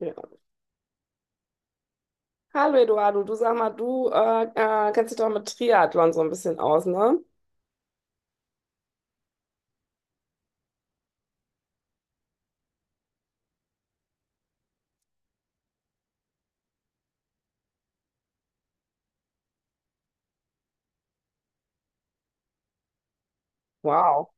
Ja. Hallo Eduardo, du sag mal, du kennst dich doch mit Triathlon so ein bisschen aus, ne? Wow.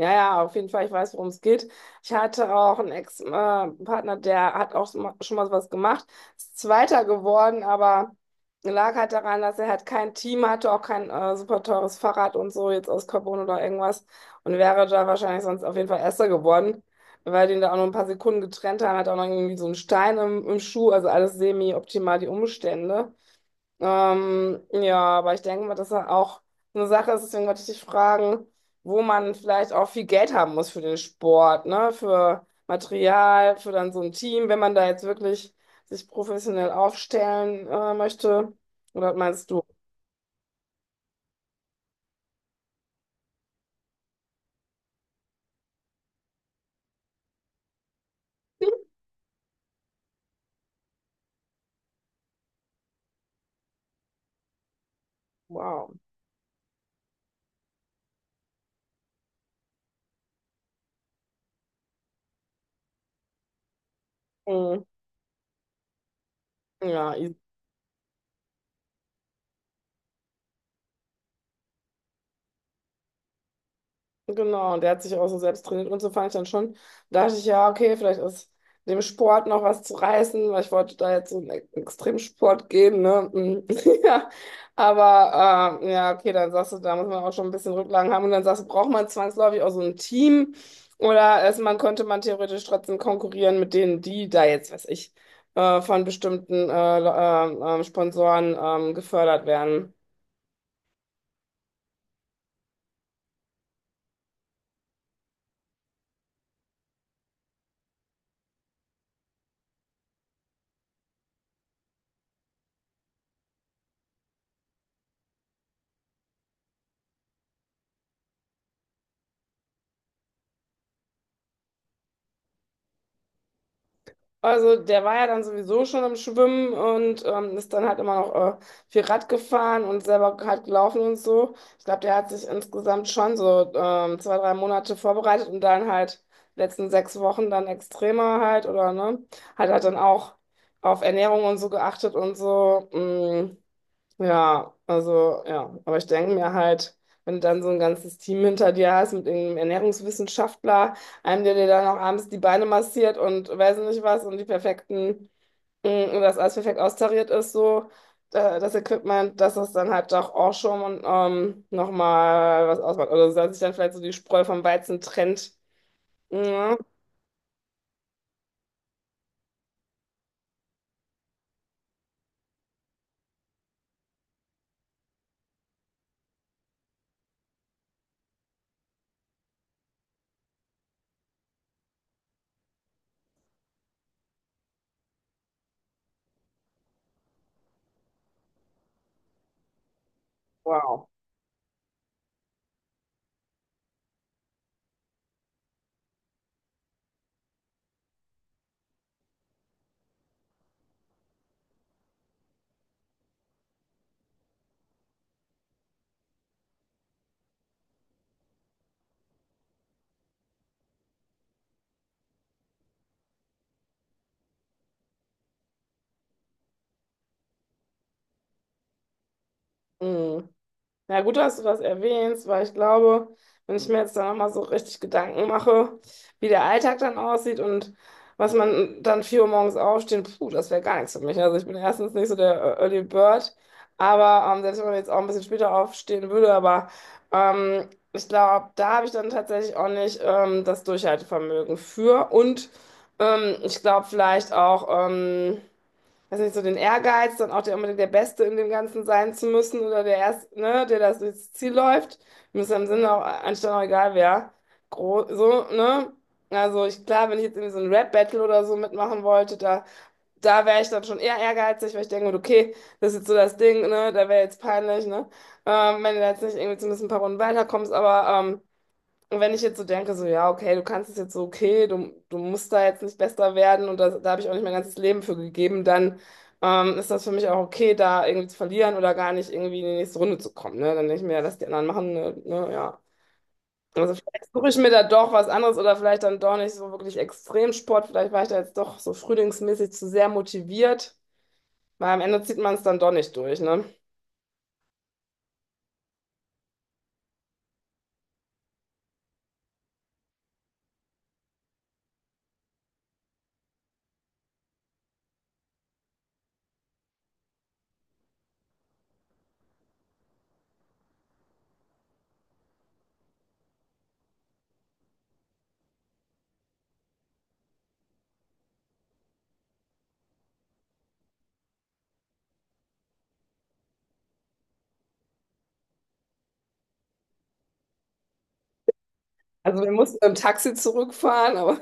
Ja, ja, auf jeden Fall, ich weiß, worum es geht. Ich hatte auch einen Ex-Partner, der hat auch schon mal sowas gemacht, ist Zweiter geworden, aber lag halt daran, dass er halt kein Team hatte, auch kein super teures Fahrrad und so, jetzt aus Carbon oder irgendwas und wäre da wahrscheinlich sonst auf jeden Fall Erster geworden, weil den da auch nur ein paar Sekunden getrennt haben, hat auch noch irgendwie so einen Stein im Schuh, also alles semi-optimal die Umstände. Ja, aber ich denke mal, dass er auch eine Sache ist, deswegen wollte ich dich fragen, wo man vielleicht auch viel Geld haben muss für den Sport, ne? Für Material, für dann so ein Team, wenn man da jetzt wirklich sich professionell aufstellen möchte. Oder meinst du? Wow. Mhm. Ja, genau, und der hat sich auch so selbst trainiert und so fand ich dann schon, da dachte ich, ja, okay, vielleicht ist dem Sport noch was zu reißen, weil ich wollte da jetzt so einen Extremsport gehen, ne? Ja, aber ja, okay, dann sagst du, da muss man auch schon ein bisschen Rücklagen haben und dann sagst du, braucht man zwangsläufig auch so ein Team oder ist man, könnte man theoretisch trotzdem konkurrieren mit denen, die da jetzt, weiß ich, von bestimmten Sponsoren gefördert werden. Also der war ja dann sowieso schon im Schwimmen und ist dann halt immer noch viel Rad gefahren und selber halt gelaufen und so. Ich glaube, der hat sich insgesamt schon so zwei, drei Monate vorbereitet und dann halt letzten sechs Wochen dann extremer halt oder ne, hat halt dann auch auf Ernährung und so geachtet und so. Mm. Ja, also ja, aber ich denke mir halt, wenn du dann so ein ganzes Team hinter dir hast mit irgendeinem Ernährungswissenschaftler, einem, der dir dann auch abends die Beine massiert und weiß nicht was und die perfekten, und das alles perfekt austariert ist, so das Equipment, dass das dann halt doch auch schon und, nochmal was ausmacht. Oder dass sich dann vielleicht so die Spreu vom Weizen trennt. Ja, wow. Mhm. Na gut, dass du das erwähnst, weil ich glaube, wenn ich mir jetzt da nochmal so richtig Gedanken mache, wie der Alltag dann aussieht und was man dann 4 Uhr morgens aufstehen, puh, das wäre gar nichts für mich. Also ich bin erstens nicht so der Early Bird, aber selbst wenn man jetzt auch ein bisschen später aufstehen würde, aber ich glaube, da habe ich dann tatsächlich auch nicht das Durchhaltevermögen für und ich glaube vielleicht auch, weiß nicht, so den Ehrgeiz, dann auch der, unbedingt der Beste in dem Ganzen sein zu müssen oder der Erst, ne, der das durchs Ziel läuft. Mir ist am Sinne auch, anstatt auch egal wer. Gro so, ne? Also ich, klar, wenn ich jetzt irgendwie so ein Rap-Battle oder so mitmachen wollte, da, da wäre ich dann schon eher ehrgeizig, weil ich denke, okay, das ist jetzt so das Ding, ne? Da wäre jetzt peinlich, ne? Wenn du da jetzt nicht irgendwie zumindest ein paar Runden weiterkommst, aber und wenn ich jetzt so denke, so, ja, okay, du kannst es jetzt so, okay, du musst da jetzt nicht besser werden und das, da habe ich auch nicht mein ganzes Leben für gegeben, dann ist das für mich auch okay, da irgendwie zu verlieren oder gar nicht irgendwie in die nächste Runde zu kommen. Ne? Dann denke ich mir, ja, lass die anderen machen, ne, ne, ja. Also vielleicht suche ich mir da doch was anderes oder vielleicht dann doch nicht so wirklich Extremsport. Vielleicht war ich da jetzt doch so frühlingsmäßig zu sehr motiviert, weil am Ende zieht man es dann doch nicht durch, ne? Also wir mussten im Taxi zurückfahren, aber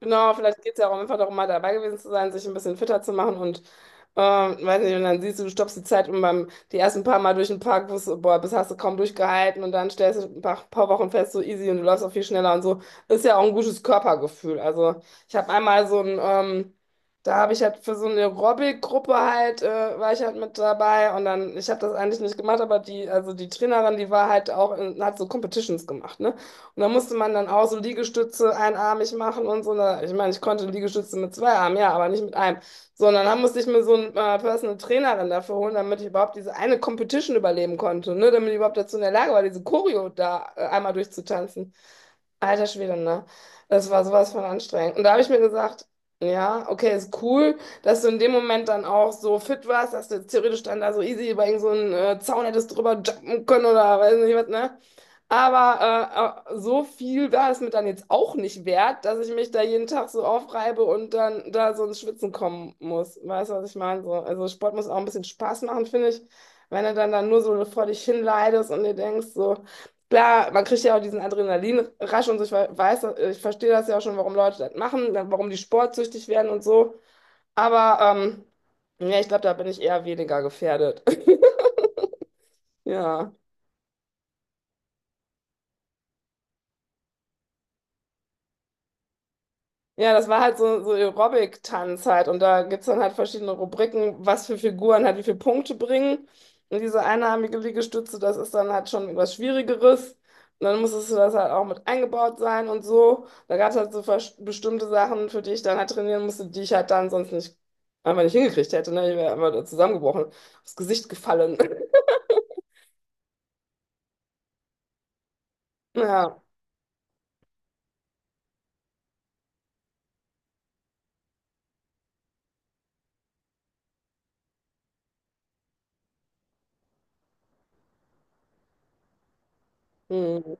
genau, vielleicht geht es ja auch einfach darum, mal dabei gewesen zu sein, sich ein bisschen fitter zu machen und weiß nicht, und dann siehst du, du stoppst die Zeit und beim die ersten paar Mal durch den Park, wusstest, du, boah, bis hast du kaum durchgehalten und dann stellst du ein paar Wochen fest, so easy und du läufst auch viel schneller und so. Ist ja auch ein gutes Körpergefühl. Also ich habe einmal so ein, da habe ich halt für so eine Aerobic-Gruppe halt, war ich halt mit dabei und dann, ich habe das eigentlich nicht gemacht, aber die, also die Trainerin, die war halt auch, in, hat so Competitions gemacht, ne? Und da musste man dann auch so Liegestütze einarmig machen und so. Na, ich meine, ich konnte Liegestütze mit zwei Armen, ja, aber nicht mit einem. Sondern dann musste ich mir so einen Personal Trainer dann dafür holen, damit ich überhaupt diese eine Competition überleben konnte, ne? Damit ich überhaupt dazu in der Lage war, diese Choreo da einmal durchzutanzen. Alter Schwede, ne? Das war sowas von anstrengend. Und da habe ich mir gesagt, ja, okay, ist cool, dass du in dem Moment dann auch so fit warst, dass du theoretisch dann da so easy über irgend so einen Zaun hättest drüber jumpen können oder weiß nicht was, ne? Aber so viel war es mir dann jetzt auch nicht wert, dass ich mich da jeden Tag so aufreibe und dann da so ins Schwitzen kommen muss. Weißt du, was ich meine? So, also Sport muss auch ein bisschen Spaß machen, finde ich. Wenn du dann nur so vor dich hinleidest und dir denkst so, klar, man kriegt ja auch diesen Adrenalinrausch und so, ich weiß, ich verstehe das ja auch schon, warum Leute das machen, dann warum die sportsüchtig werden und so. Aber ja, ich glaube, da bin ich eher weniger gefährdet. Ja. Ja, das war halt so, so Aerobic-Tanz halt. Und da gibt es dann halt verschiedene Rubriken, was für Figuren halt wie viele Punkte bringen. Und diese einarmige Liegestütze, das ist dann halt schon was Schwierigeres. Und dann musstest du das halt auch mit eingebaut sein und so. Da gab es halt so bestimmte Sachen, für die ich dann halt trainieren musste, die ich halt dann sonst nicht einfach nicht hingekriegt hätte. Ne? Ich wäre einfach zusammengebrochen, aufs Gesicht gefallen. Ja. Hm.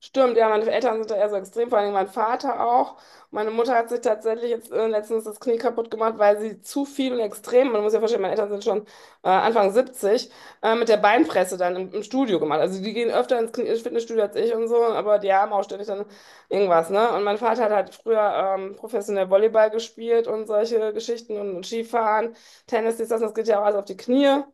Stimmt, ja, meine Eltern sind da eher so extrem, vor allem mein Vater auch. Meine Mutter hat sich tatsächlich jetzt letztens das Knie kaputt gemacht, weil sie zu viel und extrem, man muss ja verstehen, meine Eltern sind schon Anfang 70, mit der Beinpresse dann im Studio gemacht. Also die gehen öfter ins ins Fitnessstudio als ich und so, aber die haben auch ständig dann irgendwas, ne? Und mein Vater hat halt früher professionell Volleyball gespielt und solche Geschichten und Skifahren, Tennis, dies, das, und das geht ja auch alles auf die Knie. Ja,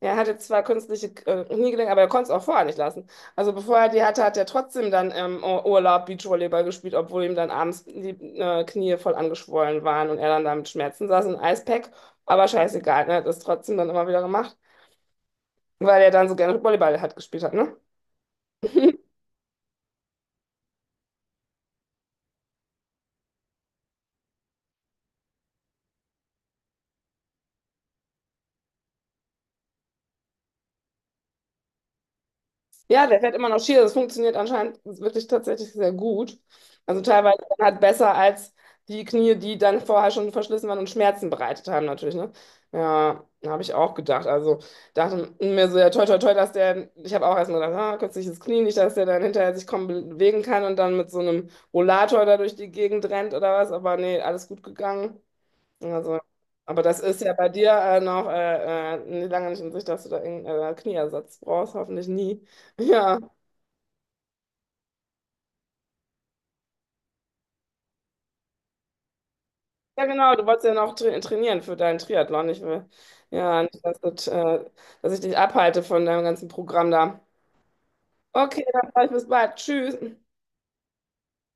er hat jetzt zwar künstliche Kniegelenke, aber er konnte es auch vorher nicht lassen. Also bevor er die hatte, hat er trotzdem dann im Urlaub Beachvolleyball gespielt, obwohl ihm dann abends die Knie voll angeschwollen waren und er dann da mit Schmerzen saß, ein Eispack. Aber scheißegal, ne? Er hat das trotzdem dann immer wieder gemacht, weil er dann so gerne Volleyball hat gespielt hat, ne? Ja, der fährt immer noch Ski. Das funktioniert anscheinend wirklich tatsächlich sehr gut. Also teilweise dann halt besser als die Knie, die dann vorher schon verschlissen waren und Schmerzen bereitet haben, natürlich, ne? Ja, habe ich auch gedacht. Also dachte mir so, ja, toi, toi, toi, dass der, ich habe auch erst mal gedacht, ah, künstliches Knie, nicht, dass der dann hinterher sich kaum bewegen kann und dann mit so einem Rollator da durch die Gegend rennt oder was. Aber nee, alles gut gegangen. Also, aber das ist ja bei dir noch nee, lange nicht in Sicht, dass du da irgendeinen Knieersatz brauchst, hoffentlich nie. Ja. Ja, genau, du wolltest ja noch trainieren für deinen Triathlon. Ich will ja nicht, dass, das, dass ich dich abhalte von deinem ganzen Programm da. Okay, dann sag ich bis bald. Tschüss.